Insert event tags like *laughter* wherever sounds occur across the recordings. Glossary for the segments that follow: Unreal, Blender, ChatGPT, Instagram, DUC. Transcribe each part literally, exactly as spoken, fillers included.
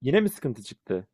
Yine mi sıkıntı çıktı?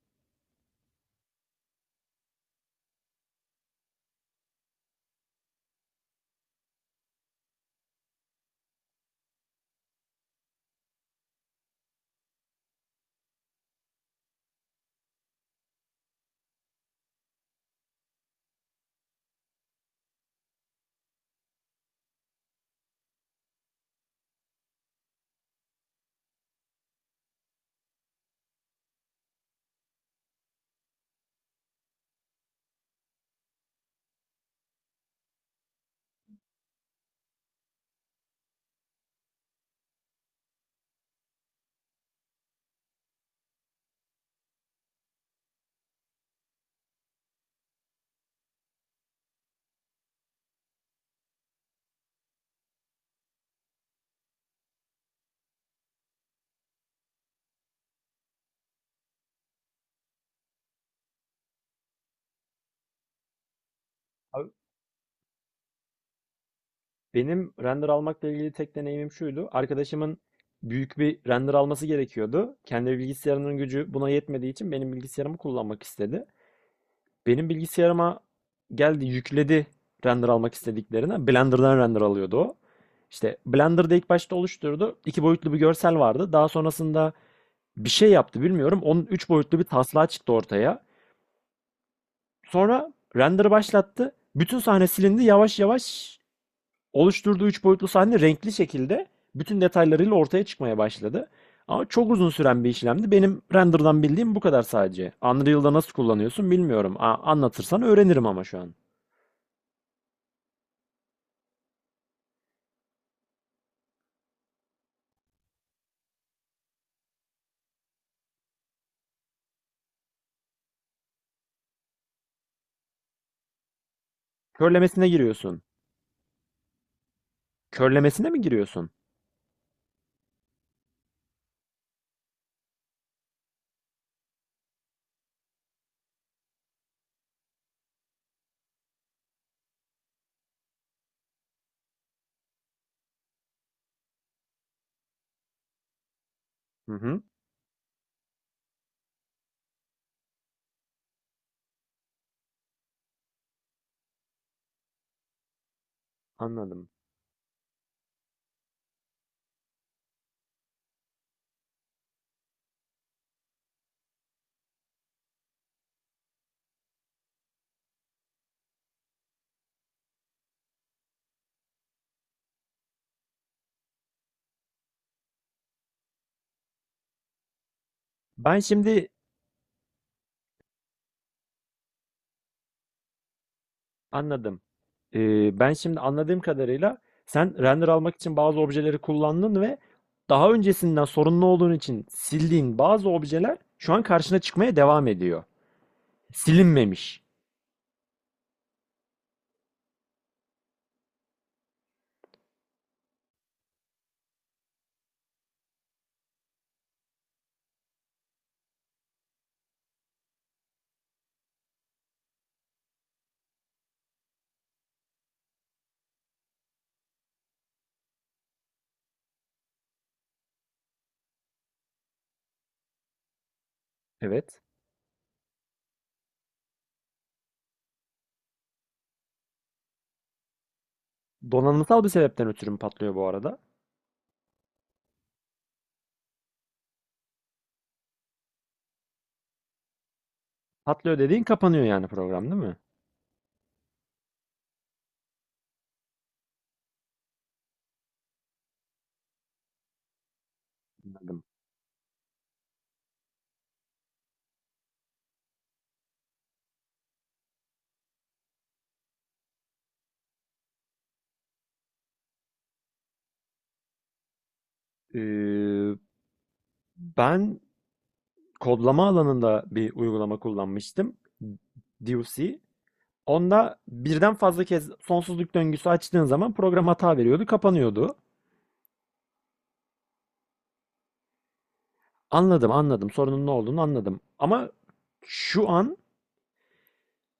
Abi, benim render almakla ilgili tek deneyimim şuydu. Arkadaşımın büyük bir render alması gerekiyordu. Kendi bilgisayarının gücü buna yetmediği için benim bilgisayarımı kullanmak istedi. Benim bilgisayarıma geldi yükledi render almak istediklerini. Blender'dan render alıyordu o. İşte Blender'da ilk başta oluşturdu. İki boyutlu bir görsel vardı. Daha sonrasında bir şey yaptı bilmiyorum. Onun üç boyutlu bir taslağı çıktı ortaya. Sonra render başlattı. Bütün sahne silindi. Yavaş yavaş oluşturduğu üç boyutlu sahne renkli şekilde bütün detaylarıyla ortaya çıkmaya başladı. Ama çok uzun süren bir işlemdi. Benim render'dan bildiğim bu kadar sadece. Unreal'da nasıl kullanıyorsun bilmiyorum. A- anlatırsan öğrenirim ama şu an. Körlemesine giriyorsun. Körlemesine mi giriyorsun? Hı hı, anladım. Ben şimdi anladım. Ee, ben şimdi anladığım kadarıyla sen render almak için bazı objeleri kullandın ve daha öncesinden sorunlu olduğun için sildiğin bazı objeler şu an karşına çıkmaya devam ediyor. Silinmemiş. Evet. Donanımsal bir sebepten ötürü mü patlıyor bu arada? Patlıyor dediğin kapanıyor yani program değil mi? Anladım. Ee, Ben kodlama alanında bir uygulama kullanmıştım. D U C. Onda birden fazla kez sonsuzluk döngüsü açtığın zaman program hata veriyordu, kapanıyordu. Anladım, anladım. Sorunun ne olduğunu anladım. Ama şu an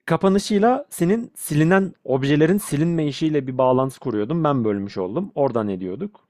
kapanışıyla senin silinen objelerin silinme işiyle bir bağlantı kuruyordum. Ben bölmüş oldum. Oradan ediyorduk.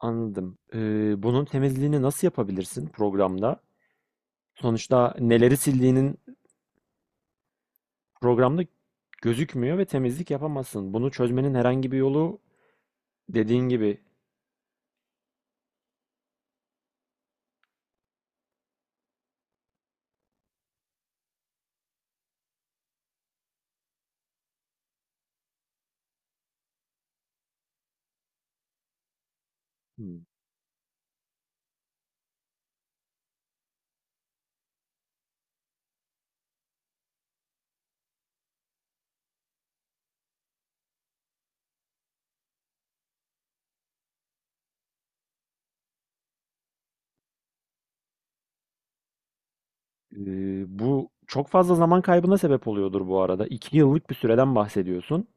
Anladım. Eee, bunun temizliğini nasıl yapabilirsin programda? Sonuçta neleri sildiğinin programda gözükmüyor ve temizlik yapamazsın. Bunu çözmenin herhangi bir yolu dediğin gibi. Hmm. Eee, bu çok fazla zaman kaybına sebep oluyordur bu arada. iki yıllık bir süreden bahsediyorsun.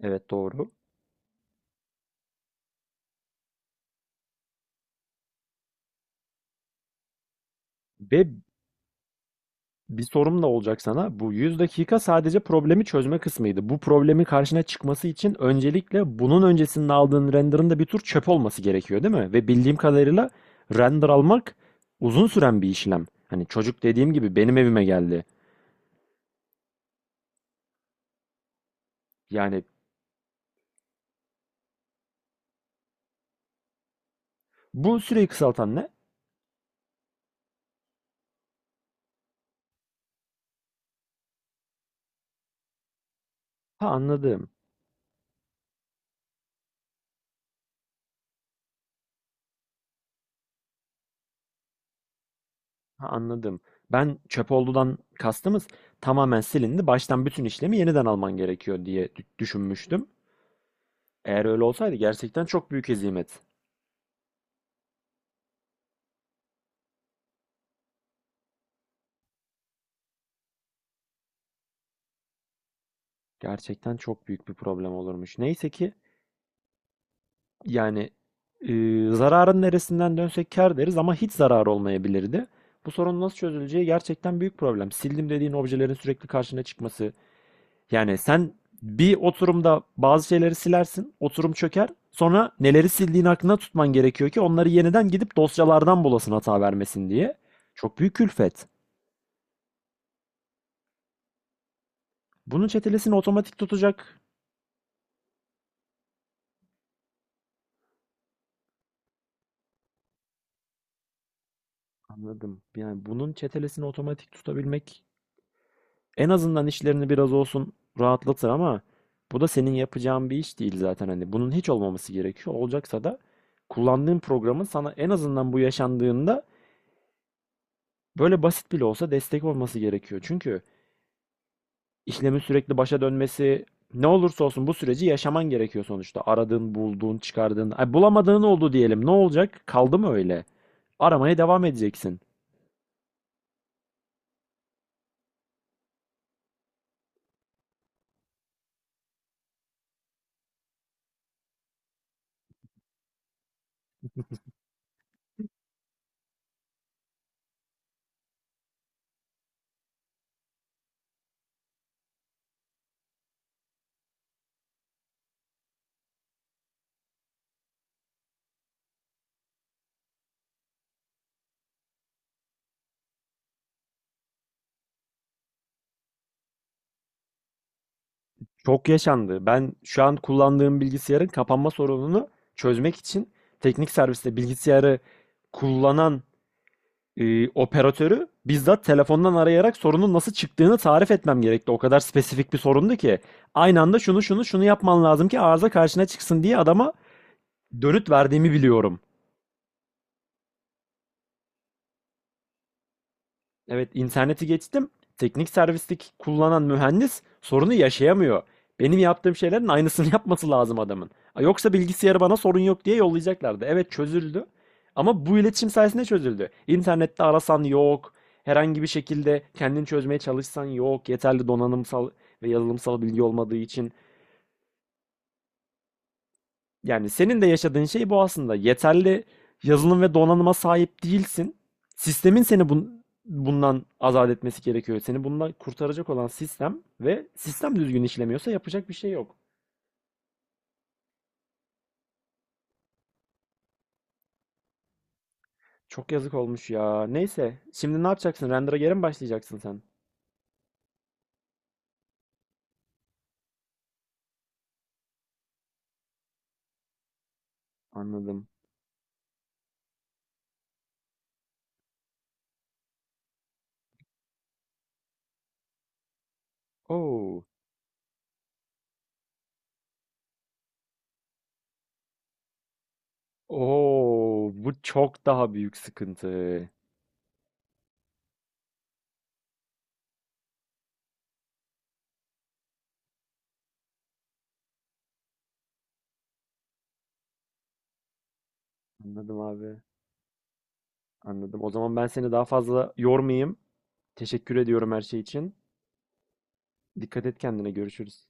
Evet doğru. Ve bir sorum da olacak sana. Bu yüz dakika sadece problemi çözme kısmıydı. Bu problemin karşına çıkması için öncelikle bunun öncesinde aldığın render'ın da bir tür çöp olması gerekiyor, değil mi? Ve bildiğim kadarıyla render almak uzun süren bir işlem. Hani çocuk dediğim gibi benim evime geldi. Yani bu süreyi kısaltan ne? Ha anladım. Ha anladım. Ben çöp oldudan kastımız tamamen silindi. Baştan bütün işlemi yeniden alman gerekiyor diye dü- düşünmüştüm. Eğer öyle olsaydı gerçekten çok büyük hezimet. Gerçekten çok büyük bir problem olurmuş. Neyse ki yani, e, zararın neresinden dönsek kâr deriz ama hiç zarar olmayabilirdi. Bu sorun nasıl çözüleceği gerçekten büyük problem. Sildim dediğin objelerin sürekli karşına çıkması. Yani sen bir oturumda bazı şeyleri silersin, oturum çöker. Sonra neleri sildiğin aklına tutman gerekiyor ki onları yeniden gidip dosyalardan bulasın hata vermesin diye. Çok büyük külfet. Bunun çetelesini otomatik tutacak. Anladım. Yani bunun çetelesini otomatik tutabilmek en azından işlerini biraz olsun rahatlatır ama bu da senin yapacağın bir iş değil zaten, hani bunun hiç olmaması gerekiyor. Olacaksa da kullandığın programın sana en azından bu yaşandığında böyle basit bile olsa destek olması gerekiyor. Çünkü işlemin sürekli başa dönmesi ne olursa olsun bu süreci yaşaman gerekiyor sonuçta. Aradığın, bulduğun, çıkardığın, ay bulamadığın oldu diyelim. Ne olacak? Kaldı mı öyle? Aramaya devam edeceksin. Çok yaşandı. Ben şu an kullandığım bilgisayarın kapanma sorununu çözmek için teknik serviste bilgisayarı kullanan e, operatörü bizzat telefondan arayarak sorunun nasıl çıktığını tarif etmem gerekti. O kadar spesifik bir sorundu ki. Aynı anda şunu şunu şunu yapman lazım ki arıza karşına çıksın diye adama dönüt verdiğimi biliyorum. Evet, interneti geçtim. Teknik servislik kullanan mühendis sorunu yaşayamıyor. Benim yaptığım şeylerin aynısını *laughs* yapması lazım adamın. Ha, yoksa bilgisayarı bana sorun yok diye yollayacaklardı. Evet çözüldü. Ama bu iletişim sayesinde çözüldü. İnternette arasan yok. Herhangi bir şekilde kendini çözmeye çalışsan yok. Yeterli donanımsal ve yazılımsal bilgi olmadığı için. Yani senin de yaşadığın şey bu aslında. Yeterli yazılım ve donanıma sahip değilsin. Sistemin seni bun- bundan azat etmesi gerekiyor. Seni bundan kurtaracak olan sistem ve sistem düzgün işlemiyorsa yapacak bir şey yok. Çok yazık olmuş ya. Neyse. Şimdi ne yapacaksın? Render'a geri mi başlayacaksın sen? Anladım. Oo. Oo, bu çok daha büyük sıkıntı. Anladım abi. Anladım. O zaman ben seni daha fazla yormayayım. Teşekkür ediyorum her şey için. Dikkat et kendine. Görüşürüz.